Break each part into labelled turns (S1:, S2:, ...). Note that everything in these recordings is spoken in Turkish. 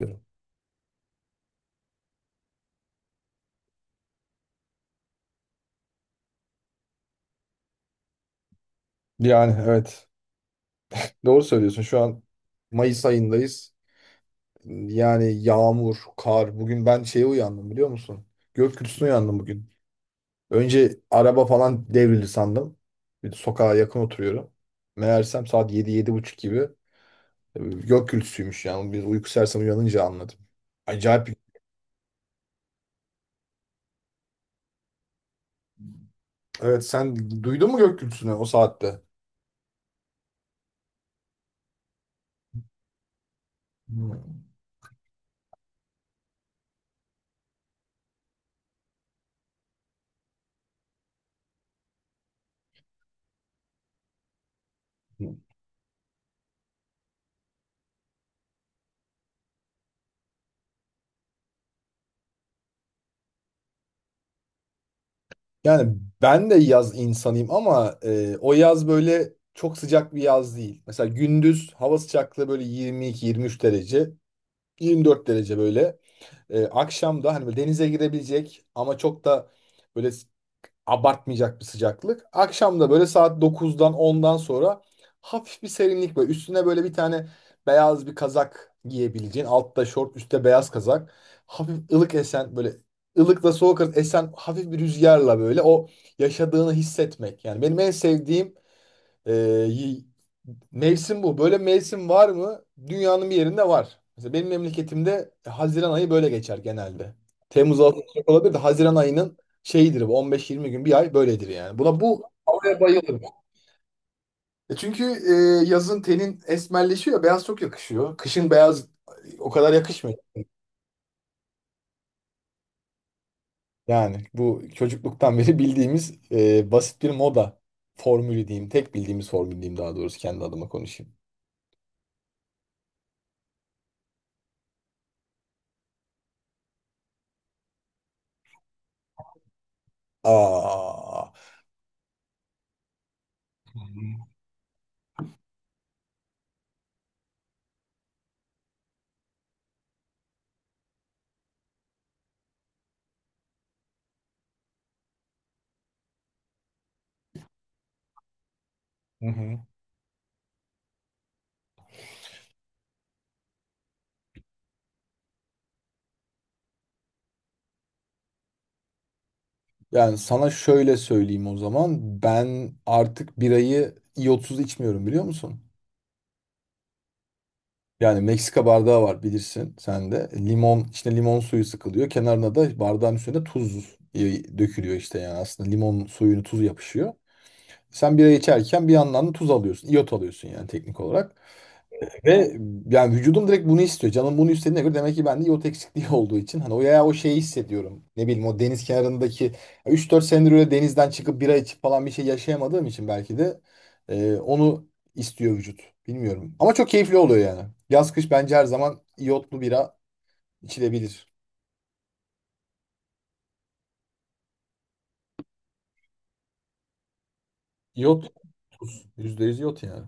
S1: Diyorum. Yani evet. Doğru söylüyorsun. Şu an Mayıs ayındayız. Yani yağmur, kar. Bugün ben şeye uyandım biliyor musun? Gök gürültüsüne uyandım bugün. Önce araba falan devrildi sandım. Bir de sokağa yakın oturuyorum. Meğersem saat yedi yedi buçuk gibi gök gürültüsüymüş yani. Bir uyku sersemi uyanınca anladım. Acayip bir. Evet, sen duydun mu gök gürültüsünü o saatte? Hmm. Yani ben de yaz insanıyım ama o yaz böyle çok sıcak bir yaz değil. Mesela gündüz hava sıcaklığı böyle 22-23 derece, 24 derece böyle. Akşam da hani böyle denize girebilecek ama çok da böyle abartmayacak bir sıcaklık. Akşam da böyle saat dokuzdan ondan sonra hafif bir serinlik böyle. Üstüne böyle bir tane beyaz bir kazak giyebileceğin. Altta şort, üstte beyaz kazak. Hafif ılık esen böyle ılıkla soğuk arası esen hafif bir rüzgarla böyle o yaşadığını hissetmek. Yani benim en sevdiğim ee, y- mevsim bu. Böyle mevsim var mı? Dünyanın bir yerinde var. Mesela benim memleketimde Haziran ayı böyle geçer genelde. Temmuz Ağustos olabilir de Haziran ayının şeyidir bu 15-20 gün bir ay böyledir yani. Buna bu havaya bayılırım. E çünkü yazın tenin esmerleşiyor, beyaz çok yakışıyor. Kışın beyaz o kadar yakışmıyor. Yani bu çocukluktan beri bildiğimiz basit bir moda formülü diyeyim. Tek bildiğimiz formül diyeyim daha doğrusu kendi adıma konuşayım. Aa. Hı hı. Yani sana şöyle söyleyeyim o zaman. Ben artık birayı iyotsuz içmiyorum biliyor musun? Yani Meksika bardağı var bilirsin sen de. Limon, içine limon suyu sıkılıyor. Kenarına da bardağın üstüne tuz dökülüyor işte yani aslında limon suyunu tuzu yapışıyor. Sen bira içerken bir yandan da tuz alıyorsun, iyot alıyorsun yani teknik olarak. Ve yani vücudum direkt bunu istiyor. Canım bunu istediğine göre demek ki bende iot eksikliği olduğu için hani o ya o şeyi hissediyorum. Ne bileyim o deniz kenarındaki 3-4 senedir öyle denizden çıkıp bira içip falan bir şey yaşayamadığım için belki de onu istiyor vücut. Bilmiyorum. Ama çok keyifli oluyor yani. Yaz kış bence her zaman iyotlu bira içilebilir. İyot %100 iyot yani.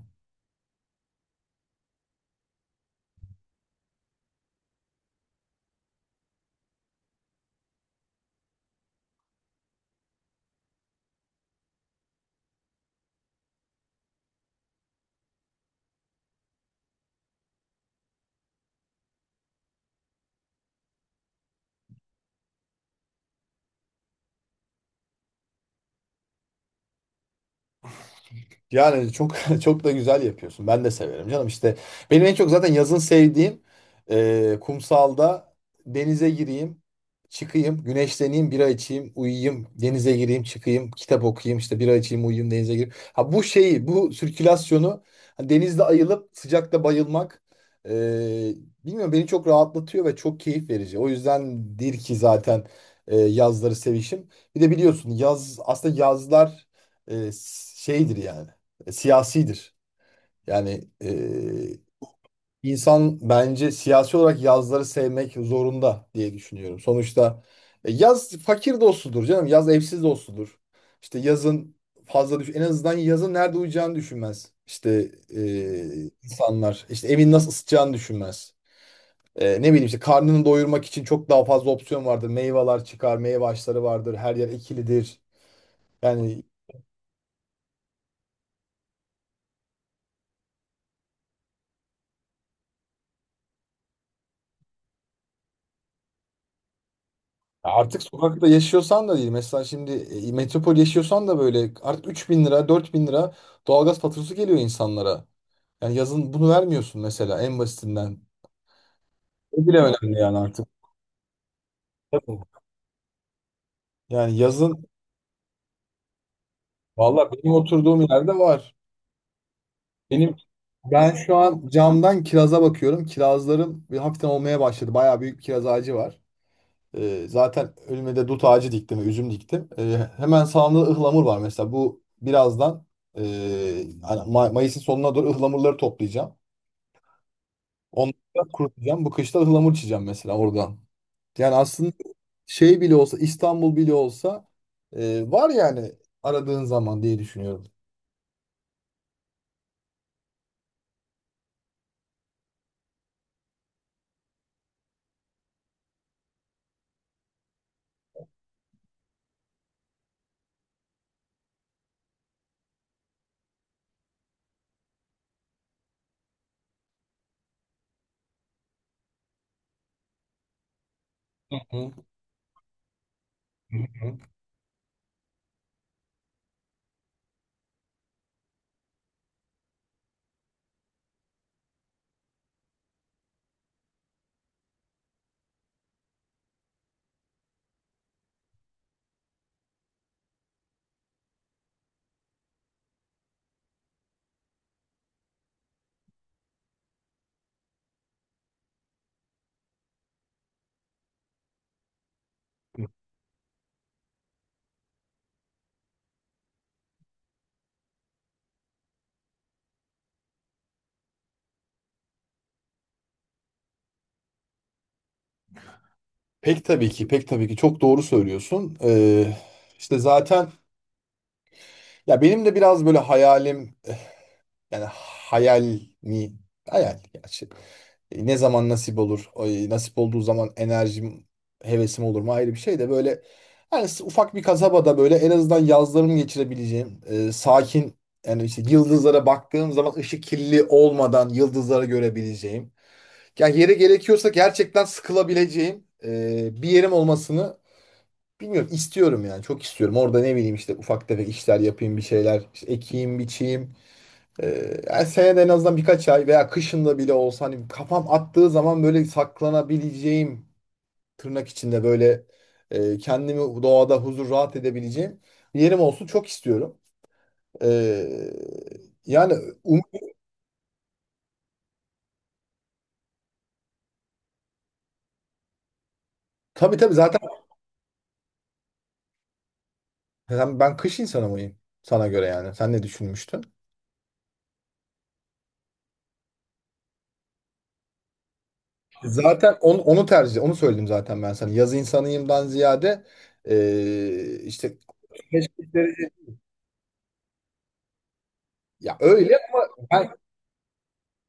S1: Yani çok çok da güzel yapıyorsun. Ben de severim canım. İşte benim en çok zaten yazın sevdiğim kumsalda denize gireyim, çıkayım, güneşleneyim, bira içeyim, uyuyayım, denize gireyim, çıkayım, kitap okuyayım, işte bira içeyim, uyuyayım, denize gireyim. Ha bu şeyi, bu sirkülasyonu hani denizde ayılıp sıcakta bayılmak e, bilmiyorum beni çok rahatlatıyor ve çok keyif verici. O yüzdendir ki zaten yazları sevişim. Bir de biliyorsun yaz aslında yazlar e, şeydir yani siyasidir. Yani insan bence siyasi olarak yazları sevmek zorunda diye düşünüyorum. Sonuçta yaz fakir dostudur canım. Yaz evsiz dostudur. İşte yazın fazla düş en azından yazın nerede uyuyacağını düşünmez. İşte insanlar işte evin nasıl ısıtacağını düşünmez. Ne bileyim işte karnını doyurmak için çok daha fazla opsiyon vardır. Meyveler çıkar, meyve ağaçları vardır. Her yer ekilidir. Yani, ya artık sokakta yaşıyorsan da değil. Mesela şimdi metropol yaşıyorsan da böyle artık 3.000 lira, 4.000 lira doğalgaz faturası geliyor insanlara. Yani yazın bunu vermiyorsun mesela en basitinden. O bile önemli yani artık. Tabii. Yani yazın valla benim oturduğum yerde var. Benim ben şu an camdan kiraza bakıyorum. Kirazlarım bir hafiften olmaya başladı. Bayağı büyük bir kiraz ağacı var. Zaten önüme de dut ağacı diktim, üzüm diktim. Hemen sağımda ıhlamur var mesela. Bu birazdan e, hani Mayıs'ın sonuna doğru ıhlamurları toplayacağım. Onları da kurutacağım. Bu kışta ıhlamur içeceğim mesela oradan. Yani aslında şey bile olsa, İstanbul bile olsa var yani aradığın zaman diye düşünüyorum. Hı hı, hı hı. Pek tabii ki, pek tabii ki çok doğru söylüyorsun. İşte zaten ya benim de biraz böyle hayalim yani hayal mi hayal gerçi. Ne zaman nasip olur? Ay, nasip olduğu zaman enerjim, hevesim olur mu ayrı bir şey de böyle hani ufak bir kasabada böyle en azından yazlarımı geçirebileceğim sakin yani işte yıldızlara baktığım zaman ışık kirli olmadan yıldızları görebileceğim. Yani yeri gerekiyorsa gerçekten sıkılabileceğim bir yerim olmasını bilmiyorum istiyorum yani çok istiyorum. Orada ne bileyim işte ufak tefek işler yapayım bir şeyler işte ekeyim biçeyim. E, Yani senede en azından birkaç ay veya kışında bile olsa hani kafam attığı zaman böyle saklanabileceğim tırnak içinde böyle kendimi doğada huzur rahat edebileceğim bir yerim olsun çok istiyorum. E, Yani um, tabii tabii zaten ben kış insanı mıyım sana göre yani sen ne düşünmüştün? Zaten onu söyledim zaten ben sana. Yaz insanıyımdan ziyade işte ya öyle ben,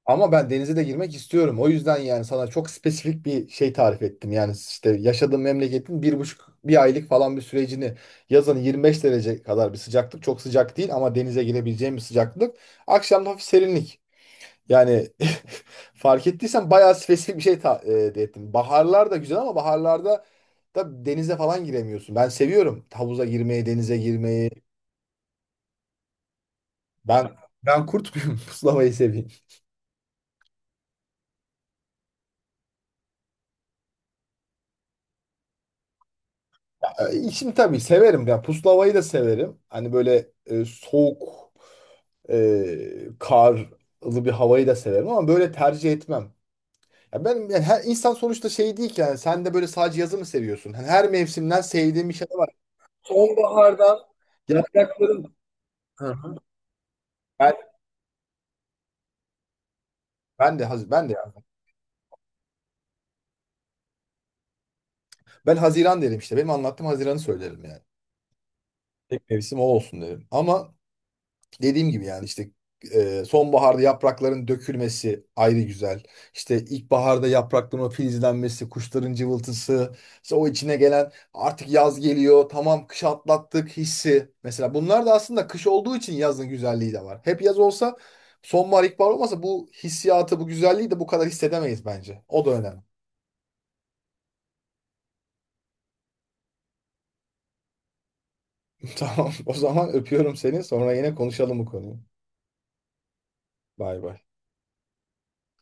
S1: ama ben denize de girmek istiyorum. O yüzden yani sana çok spesifik bir şey tarif ettim. Yani işte yaşadığım memleketin bir buçuk bir aylık falan bir sürecini yazın 25 derece kadar bir sıcaklık çok sıcak değil ama denize girebileceğim bir sıcaklık. Akşam da hafif serinlik. Yani fark ettiysen bayağı spesifik bir şey de ettim. Baharlar da güzel ama baharlarda da denize falan giremiyorsun. Ben seviyorum havuza girmeyi, denize girmeyi. Ben ben kurt muyum? Puslamayı seveyim. Şimdi tabii severim. Yani puslamayı da severim. Hani böyle soğuk, karlı bir havayı da severim ama böyle tercih etmem. Ya benim yani her insan sonuçta şey değil ki yani sen de böyle sadece yazı mı seviyorsun? Hani her mevsimden sevdiğim bir şey var. Sonbahardan yaprakların. Hı hı. Ben, ben de ya. Ben Haziran derim işte. Benim anlattığım Haziran'ı söylerim yani. Tek mevsim o olsun derim. Ama dediğim gibi yani işte sonbaharda yaprakların dökülmesi ayrı güzel. İşte ilkbaharda yaprakların o filizlenmesi, kuşların cıvıltısı, işte o içine gelen artık yaz geliyor, tamam kış atlattık hissi. Mesela bunlar da aslında kış olduğu için yazın güzelliği de var. Hep yaz olsa sonbahar, ilkbahar olmasa bu hissiyatı, bu güzelliği de bu kadar hissedemeyiz bence. O da önemli. Tamam. O zaman öpüyorum seni. Sonra yine konuşalım bu konuyu. Bay bay.